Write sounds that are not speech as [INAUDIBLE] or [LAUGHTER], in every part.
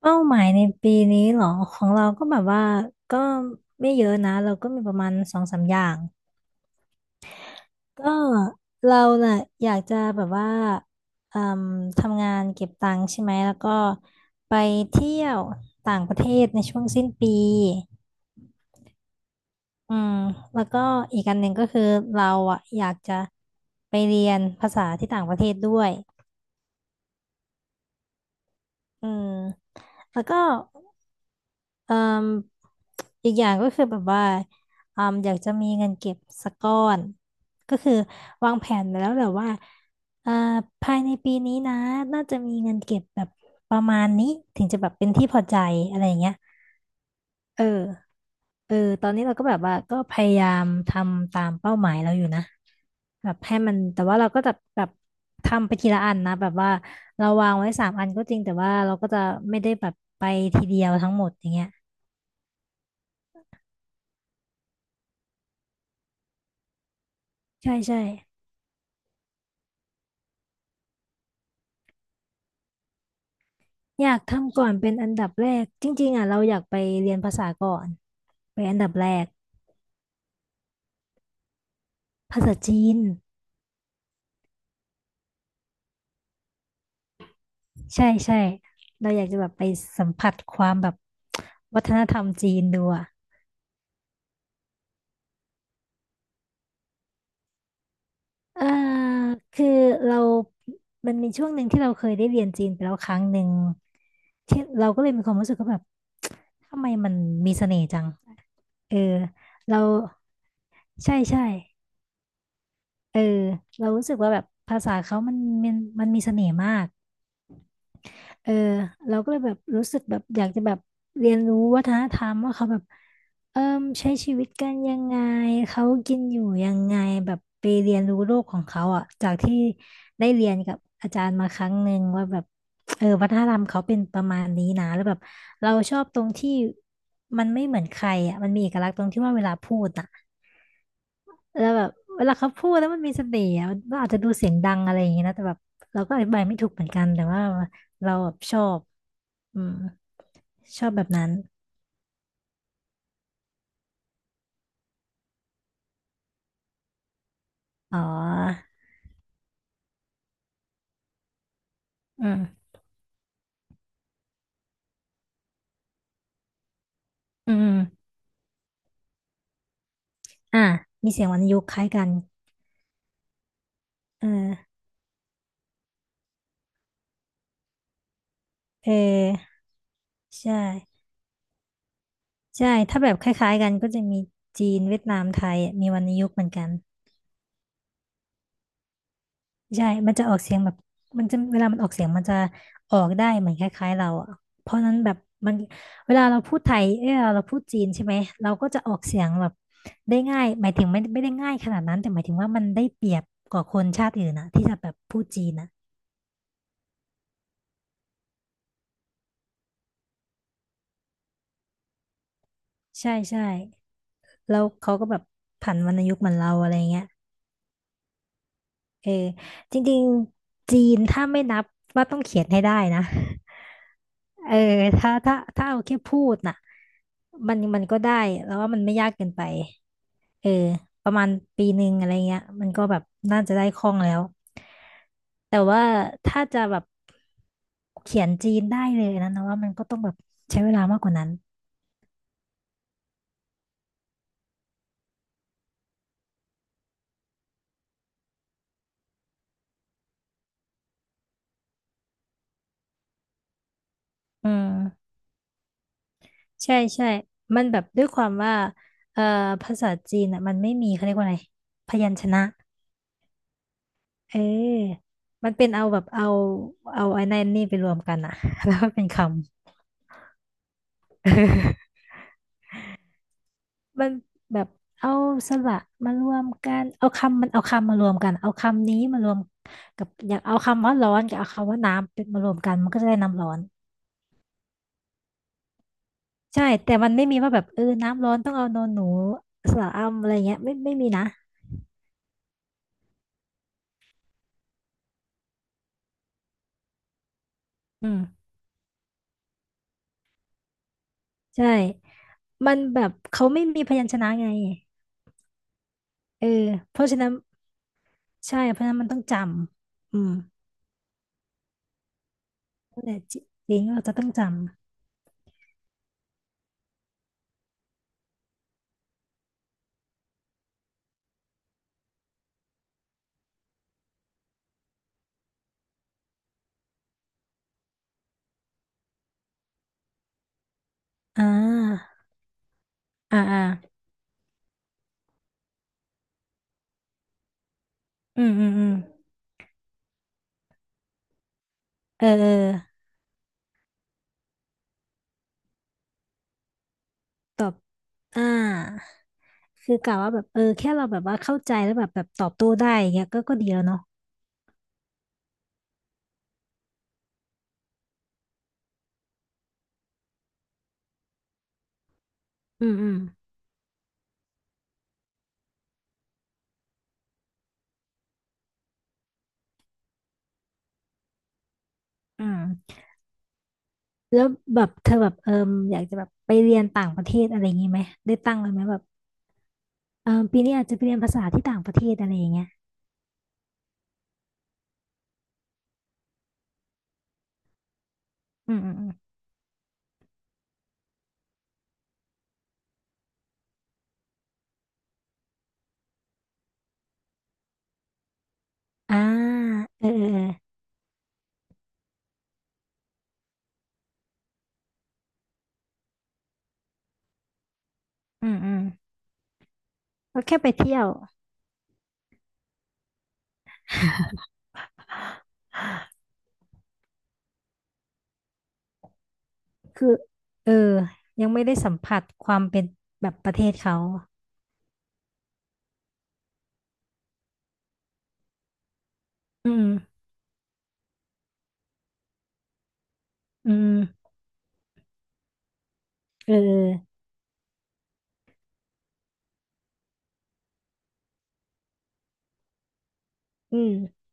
เป้าหมายในปีนี้เหรอของเราก็แบบว่าก็ไม่เยอะนะเราก็มีประมาณสองสามอย่างก็เราน่ะอยากจะแบบว่าเอ่มทำงานเก็บตังค์ใช่ไหมแล้วก็ไปเที่ยวต่างประเทศในช่วงสิ้นปีอืมแล้วก็อีกอันหนึ่งก็คือเราอ่ะอยากจะไปเรียนภาษาที่ต่างประเทศด้วยอืมแล้วก็ เอ่มอีกอย่างก็คือแบบว่าอืมอยากจะมีเงินเก็บสักก้อนก็คือวางแผนไปแล้วแหละว่าเอ่อภายในปีนี้นะน่าจะมีเงินเก็บแบบประมาณนี้ถึงจะแบบเป็นที่พอใจอะไรอย่างเงี้ยเออเออตอนนี้เราก็แบบว่าก็พยายามทำตามเป้าหมายเราอยู่นะแบบให้มันแต่ว่าเราก็จะแบบทำไปทีละอันนะแบบว่าเราวางไว้สามอันก็จริงแต่ว่าเราก็จะไม่ได้แบบไปทีเดียวทั้งหมดอย่างเงี้ยใช่ใช่ อยากทำก่อนเป็นอันดับแรกจริงๆอ่ะเราอยากไปเรียนภาษาก่อนไปอันดับแรกภาษาจีนใช่ใช่เราอยากจะแบบไปสัมผัสความแบบวัฒนธรรมจีนดูอ่ะเออคือเรามันมีช่วงหนึ่งที่เราเคยได้เรียนจีนไปแล้วครั้งหนึ่งที่เราก็เลยมีความรู้สึกว่าแบบทำไมมันมีเสน่ห์จังเออเราใช่ใช่เออเรารู้สึกว่าแบบภาษาเขามันมันมีเสน่ห์มาก เออเราก็เลยแบบรู้สึกแบบอยากจะแบบเรียนรู้วัฒนธรรมว่าเขาแบบเอิ่มใช้ชีวิตกันยังไงเขากินอยู่ยังไงแบบไปเรียนรู้โลกของเขาอ่ะจากที่ได้เรียนกับอาจารย์มาครั้งหนึ่งว่าแบบเออวัฒนธรรมเขาเป็นประมาณนี้นะแล้วแบบเราชอบตรงที่มันไม่เหมือนใครอ่ะมันมีเอกลักษณ์ตรงที่ว่าเวลาพูดอ่ะ แล้วแบบเวลาเขาพูดแล้วมันมีเสน่ห์อะมันอาจจะดูเสียงดังอะไรอย่างเงี้ยนะแต่แบบเราก็อธิบายไม่ถูกเหมือนกันแต่ว่าเราแบบชอบอืมชอบแบบนั้นอ๋ออืมอืมอ่ะมีเสียงวรรณยุกต์คล้ายกันเออเออใช่ใช่ถ้าแบบคล้ายๆกันก็จะมีจีนเวียดนามไทยอะมีวรรณยุกต์เหมือนกัน ใช่มันจะออกเสียงแบบมันจะเวลามันออกเสียงมันจะออกได้เหมือนคล้ายๆเราอ่ะเพราะนั้นแบบมันเวลาเราพูดไทยเออเราพูดจีนใช่ไหมเราก็จะออกเสียงแบบได้ง่ายหมายถึงไม่ได้ง่ายขนาดนั้น แต่หมายถึงว่ามันได้เปรียบกว่าคนชาติอื่นนะที่จะแบบพูดจีนนะใช่ใช่แล้วเขาก็แบบผันวรรณยุกต์เหมือนเราอะไรเงี้ย เออจริงๆจีนถ้าไม่นับว่าต้องเขียนให้ได้นะ [LAUGHS] เออถ้าเอาแค่พูดน่ะมันก็ได้แล้วว่ามันไม่ยากเกินไปเออประมาณปีหนึ่งอะไรเงี้ยมันก็แบบน่าจะได้คล่องแล้วแต่ว่าถ้าจะแบบเขียนจีนได้เลยนะว่ามันก็ต้องแบบใช้เวลามากกว่านั้นอืมใช่ใช่มันแบบด้วยความว่าเอ่อภาษาจีนอ่ะมันไม่มีเขาเรียกว่าอะไรพยัญชนะ เออมันเป็นเอาแบบเอาไอ้นั่นนี่ไปรวมกันอะ [LAUGHS] แล้วก็เป็นคำ [LAUGHS] เออมันแบบเอาสระมารวมกันเอาคำมันเอาคำมารวมกันเอาคำนี้มารวมกับอยากเอาคำว่าร้อนกับเอาคำว่าน้ำเป็นมารวมกันมันก็จะได้น้ำร้อนใช่แต่มันไม่มีว่าแบบเออน้ำร้อนต้องเอาโนนหนูสระอำอะไรเงี้ยไม่มีนะอืมใช่มันแบบเขาไม่มีพยัญชนะไงเออเพราะฉะนั้นใช่เพราะฉะนั้นมันต้องจำอืม นั่นแหละจิลิงก์เราจะต้องจำอ่าอ่าอ่าอืมอืมอืมเออเออตอบอ่าคือกะว่าแบบเออแค่เราแบบว่าเข้าใจแล้วแบบแบบตอบโต้ได้อย่างเงี้ยก็ก็ดีแล้วเนาะอืมอืมอืมแล้วแบบเธอแบบเอออยากจะแบบไปเรียนต่างประเทศอะไรอย่างงี้ไหมได้ตั้งไว้ไหมแบบเออปีนี้อาจจะไปเรียนภาษาที่ต่างประเทศอะไรอย่างเงี้ยอืมอืมอืมอ่าเออเออเอออืมอืมก็แค่ไปเที่ยว คือเออยังไม่ได้สัมผัสความเป็นแบบประเทศเขา อืมอืมเอออืม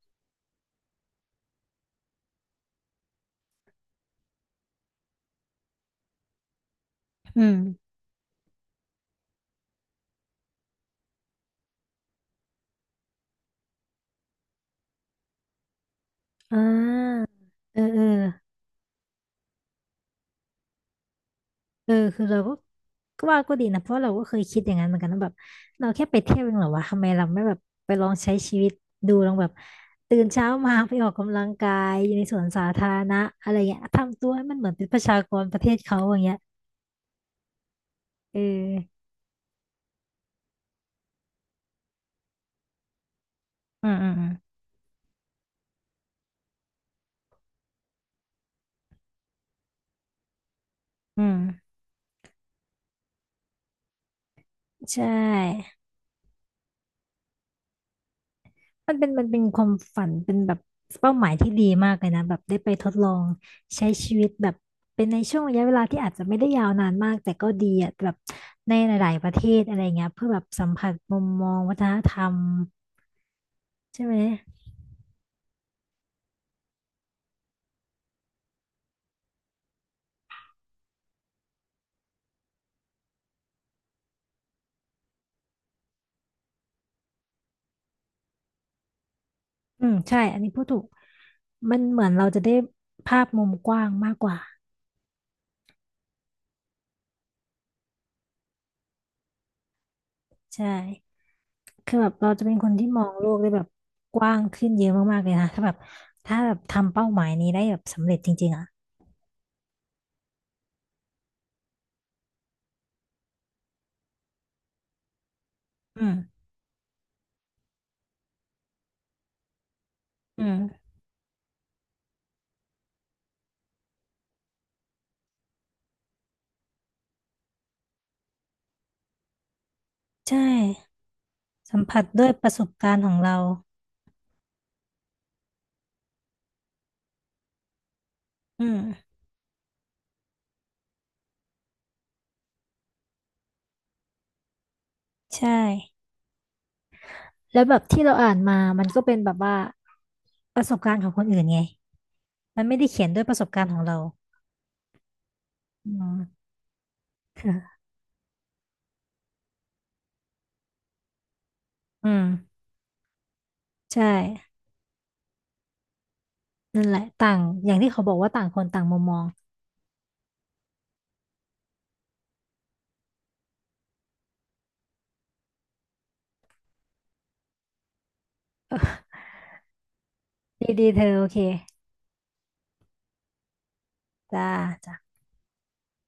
อืมอ่าเออเออเออคือเราก็ก็ว่าก็ดีนะเพราะเราก็เคยคิดอย่างนั้นเหมือนกันนะแบบเราแค่ไปเที่ยวเองเหรอวะทำไมเราไม่แบบไปลองใช้ชีวิตดูลองแบบตื่นเช้ามาไปออกกำลังกายอยู่ในสวนสาธารณะอะไรเงี้ยทำตัวให้มันเหมือนเป็นประชากรประเทศเขาอย่างเงี้ยเอออืมอืมอืมอืมใช่ มันเป็นมันเป็นความฝันเป็นแบบเป้าหมายที่ดีมากเลยนะแบบได้ไปทดลองใช้ชีวิตแบบเป็นในช่วงระยะเวลาที่อาจจะไม่ได้ยาวนานมากแต่ก็ดีอ่ะแบบในหลายๆประเทศอะไรเงี้ยเพื่อแบบสัมผัสมุมมองวัฒนธรรมใช่ไหมอืมใช่อันนี้พูดถูกมันเหมือนเราจะได้ภาพมุมกว้างมากกว่าใช่คือแบบเราจะเป็นคนที่มองโลกได้แบบกว้างขึ้นเยอะมากๆเลยนะถ้าแบบถ้าแบบทำเป้าหมายนี้ได้แบบสำเร็จจริงๆอ่ะอืมอืมใช่ สัมผัสด้วยประสบการณ์ของเราอืมใช่แล้วแบบที่เราอ่านมามันก็เป็นแบบว่าประสบการณ์ของคนอื่นไงมันไม่ได้เขียนด้วยประสบการณ์ของเราอืมค่ะอืมใช่นั่นแหละต่างอย่างที่เขาบอกว่าต่างคนต่างมุมมองดีดีเธอโอเค จ้าจ้า